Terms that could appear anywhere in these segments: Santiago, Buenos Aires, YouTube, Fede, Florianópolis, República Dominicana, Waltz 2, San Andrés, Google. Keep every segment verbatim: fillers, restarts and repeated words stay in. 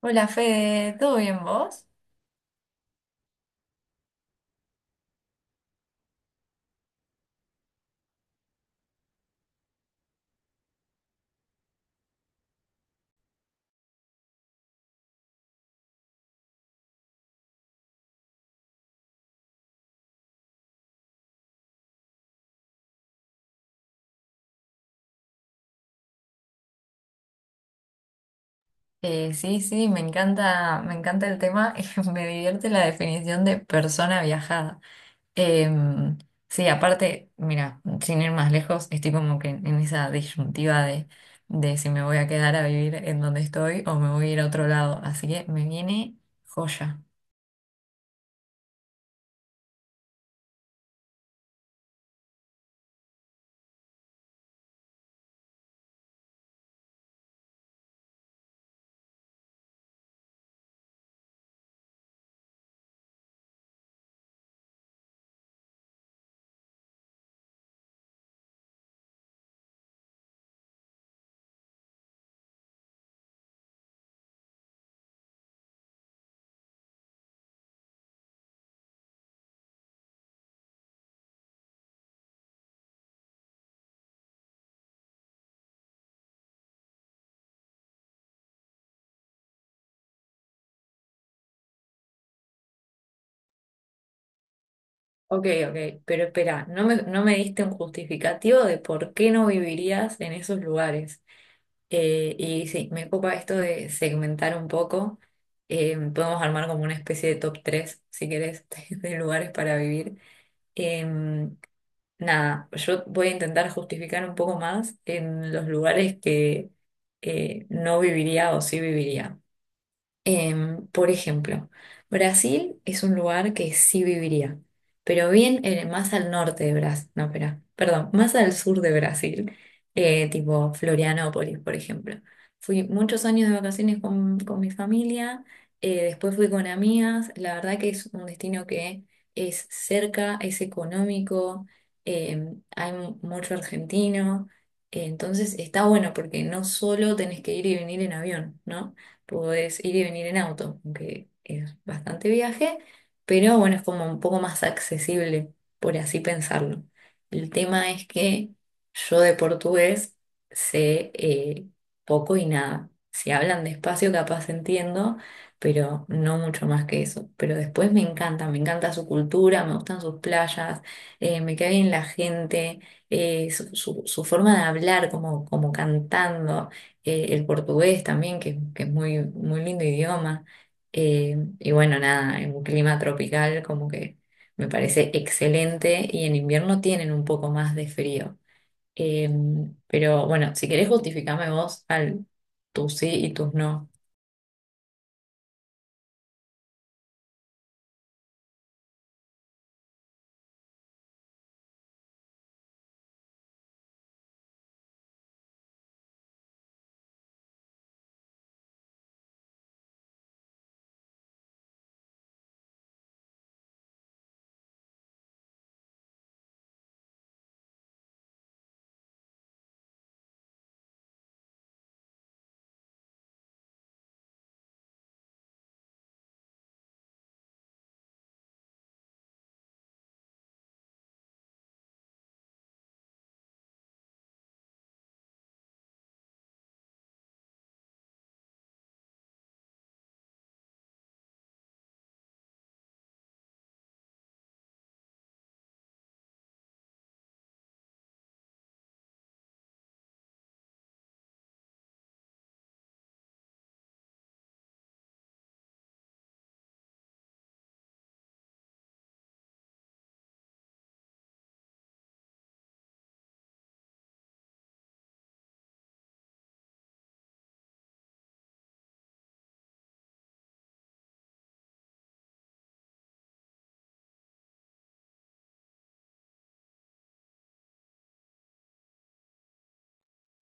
Hola Fede, ¿todo bien vos? Eh, sí, sí, me encanta, me encanta el tema, me divierte la definición de persona viajada. Em, sí, aparte, mira, sin ir más lejos, estoy como que en, en esa disyuntiva de, de si me voy a quedar a vivir en donde estoy o me voy a ir a otro lado, así que me viene joya. Ok, ok, pero espera, no me, no me diste un justificativo de por qué no vivirías en esos lugares. Eh, y sí, me copa esto de segmentar un poco. Eh, podemos armar como una especie de top tres si querés, de lugares para vivir. Eh, Nada, yo voy a intentar justificar un poco más en los lugares que eh, no viviría o sí viviría. Em, por ejemplo, Brasil es un lugar que sí viviría, pero bien en- más al norte de Brasil, no, espera, perdón, más al sur de Brasil, eh, tipo Florianópolis, por ejemplo. Fui muchos años de vacaciones con, con mi familia, eh, después fui con amigas, la verdad que es un destino que es cerca, es económico, em, hay mu- mucho argentino, eh, entonces está bueno porque no solo tenés que ir y venir en avión, ¿no? Podés ir y venir en auto, aunque es bastante viaje, pero bueno, es como un poco más accesible, por así pensarlo. El tema es que yo de portugués sé eh, poco y nada. Si hablan despacio, capaz entiendo, pero no mucho más que eso. Pero después me encanta, me encanta su cultura, me gustan sus playas, eh, me cae bien la gente, eh, su, su- su forma de hablar, como, como cantando eh, el portugués también, que, que es muy, muy lindo idioma. Eh, y bueno, nada, en un clima tropical como que me parece excelente y en invierno tienen un poco más de frío. Eh, pero bueno, si querés justificame vos al tus sí y tus no.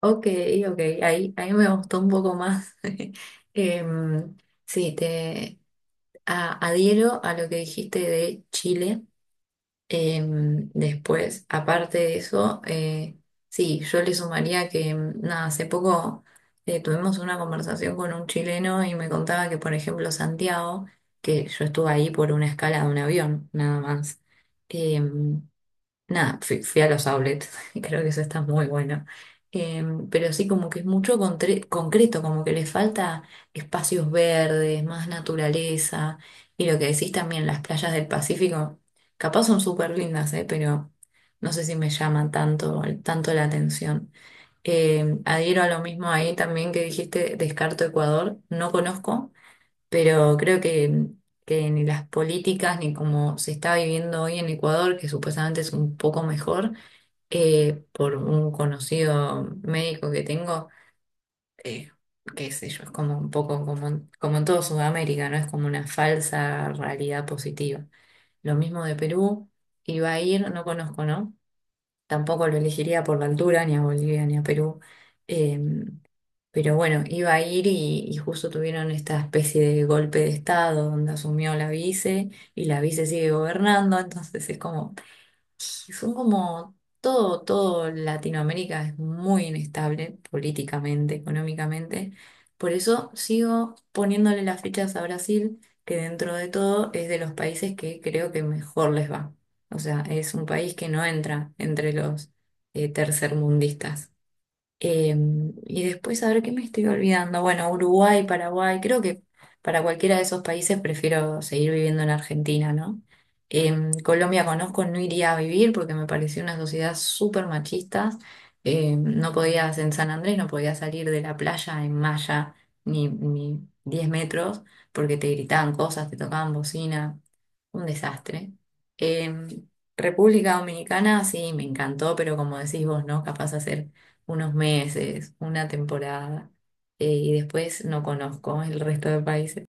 Ok, ok, ahí, ahí me gustó un poco más. Em, sí, te a- adhiero a lo que dijiste de Chile. Em, después, aparte de eso, eh, sí, yo le sumaría que, mm, nada, hace poco eh, tuvimos una conversación con un chileno y me contaba que, por ejemplo, Santiago, que yo estuve ahí por una escala de un avión, nada más, em, nada, fui, fui a los outlets y creo que eso está muy bueno. Em, pero sí, como que es mucho contre- concreto, como que le falta espacios verdes, más naturaleza. Y lo que decís también, las playas del Pacífico, capaz son súper lindas, eh, pero no sé si me llaman tanto, tanto la atención. Em, adhiero a lo mismo ahí también que dijiste, descarto Ecuador, no conozco pero creo que, que ni las políticas ni como se está viviendo hoy en Ecuador, que supuestamente es un poco mejor, eh, por un conocido médico que tengo, eh, qué sé yo, es como un poco como, en- como en todo Sudamérica, ¿no? Es como una falsa realidad positiva. Lo mismo de Perú, iba a ir, no conozco, ¿no? Tampoco lo elegiría por la altura, ni a Bolivia, ni a Perú. eh, pero bueno, iba a ir y, y justo tuvieron esta especie de golpe de estado donde asumió la vice y la vice sigue gobernando, entonces es como, son como todo, todo Latinoamérica es muy inestable políticamente, económicamente. Por eso sigo poniéndole las fichas a Brasil, que dentro de todo es de los países que creo que mejor les va. O sea, es un país que no entra entre los eh, tercermundistas. Em, y después, a ver qué me estoy olvidando. Bueno, Uruguay, Paraguay, creo que para cualquiera de esos países prefiero seguir viviendo en Argentina, ¿no? Em, Colombia conozco, no iría a vivir porque me pareció una sociedad súper machista. Em, no podías en San Andrés, no podías salir de la playa en malla ni, ni diez metros porque te gritaban cosas, te tocaban bocina. Un desastre. Em, República Dominicana, sí, me encantó, pero como decís vos, ¿no? Capaz de hacer unos meses, una temporada, eh, y después no conozco el resto de países.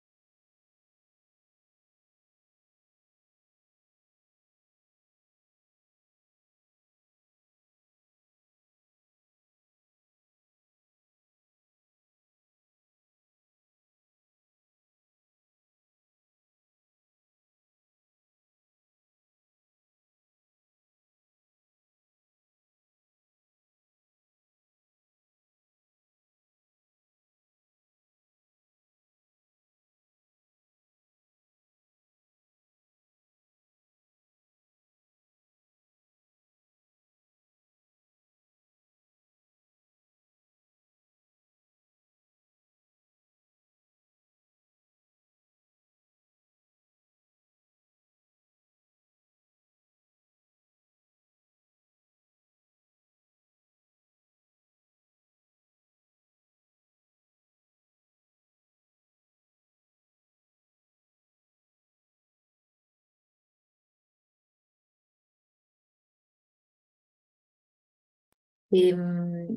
Em,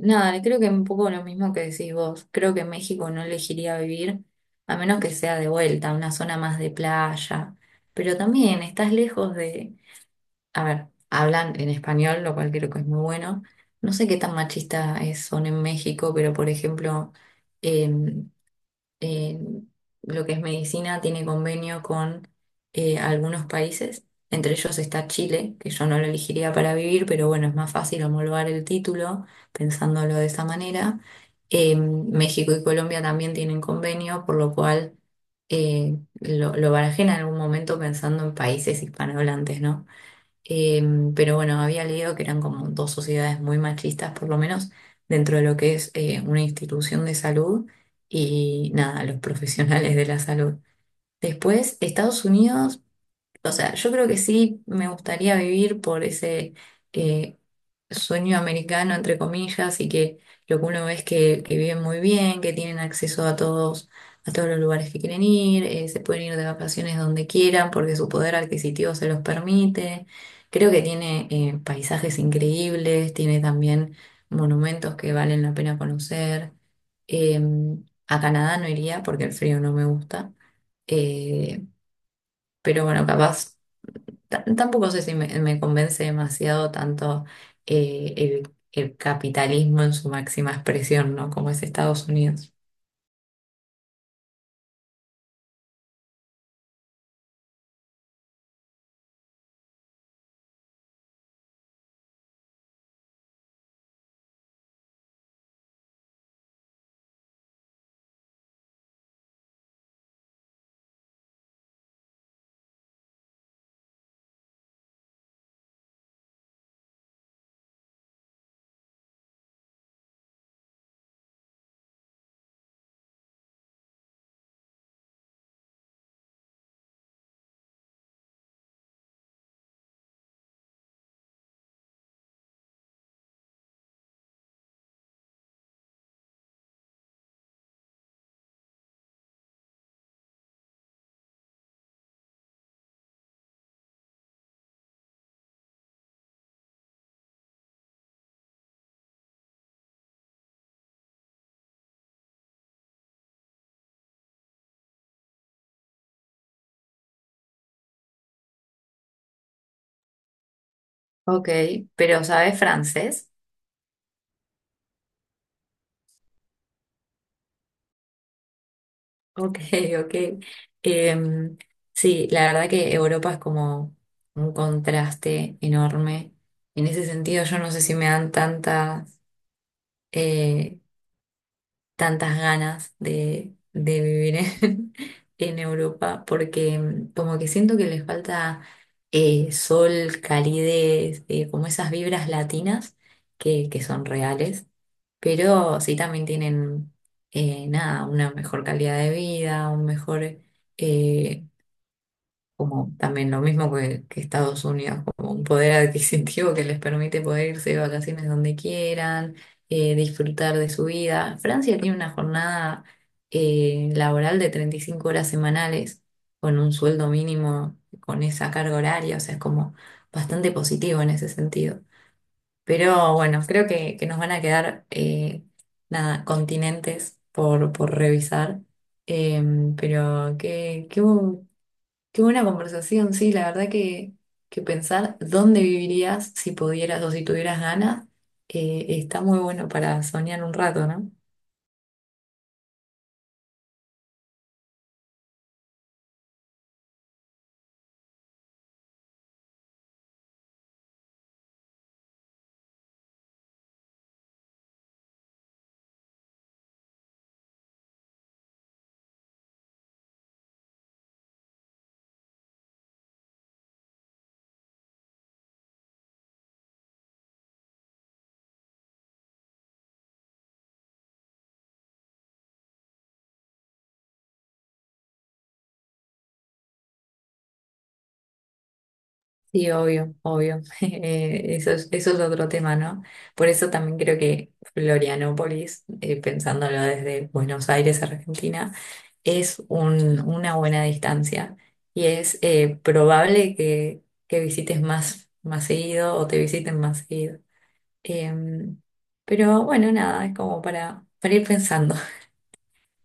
Nada, creo que un poco lo mismo que decís vos, creo que en México no elegiría vivir, a menos que sea de vuelta, una zona más de playa, pero también estás lejos de, a ver, hablan en español, lo cual creo que es muy bueno. No sé qué tan machista es, son en México, pero por ejemplo, eh, eh, lo que es medicina tiene convenio con eh, algunos países, entre ellos está Chile, que yo no lo elegiría para vivir, pero bueno, es más fácil homologar el título pensándolo de esa manera. Eh, México y Colombia también tienen convenio, por lo cual eh, lo, lo barajé en algún momento pensando en países hispanohablantes, ¿no? Em, pero bueno, había leído que eran como dos sociedades muy machistas, por lo menos dentro de lo que es eh, una institución de salud y nada, los profesionales de la salud. Después, Estados Unidos. O sea, yo creo que sí me gustaría vivir por ese eh, sueño americano, entre comillas, y que lo que uno ve es que, que viven muy bien, que tienen acceso a todos, a todos los lugares que quieren ir, eh, se pueden ir de vacaciones donde quieran porque su poder adquisitivo se los permite. Creo que tiene eh, paisajes increíbles, tiene también monumentos que valen la pena conocer. Em, a Canadá no iría porque el frío no me gusta. Eh, pero bueno, capaz. Ta- Tampoco sé si me, me convence demasiado tanto eh, el, el capitalismo en su máxima expresión, ¿no? Como es Estados Unidos. Ok, pero ¿sabes francés? Ok, ok. Em, sí, la verdad que Europa es como un contraste enorme. En ese sentido, yo no sé si me dan tantas eh, tantas ganas de, de vivir en, en Europa, porque mm, como que siento que les falta eh, sol, calidez, eh, como esas vibras latinas que, que son reales, pero sí también tienen, eh, nada, una mejor calidad de vida, un mejor... eh, como también lo mismo que, que Estados Unidos, como un poder adquisitivo que les permite poder irse de vacaciones donde quieran, eh, disfrutar de su vida. Francia tiene una jornada eh, laboral de treinta y cinco horas semanales con un sueldo mínimo con esa carga horaria, o sea, es como bastante positivo en ese sentido. Pero bueno, creo que, que nos van a quedar eh, nada, continentes por, por revisar. Em, pero qué, qué, Qué buena conversación, sí, la verdad que, que pensar dónde vivirías si pudieras o si tuvieras ganas, eh, está muy bueno para soñar un rato, ¿no? Sí, obvio, obvio. Eh, eso es, eso es otro tema, ¿no? Por eso también creo que Florianópolis, eh, pensándolo desde Buenos Aires, Argentina, es un- una buena distancia y es eh, probable que, que visites más, más seguido o te visiten más seguido. Em, pero bueno, nada, es como para, para ir pensando.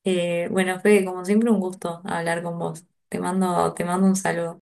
Eh, bueno, Fede, como siempre, un gusto hablar con vos. Te mando, te mando un saludo.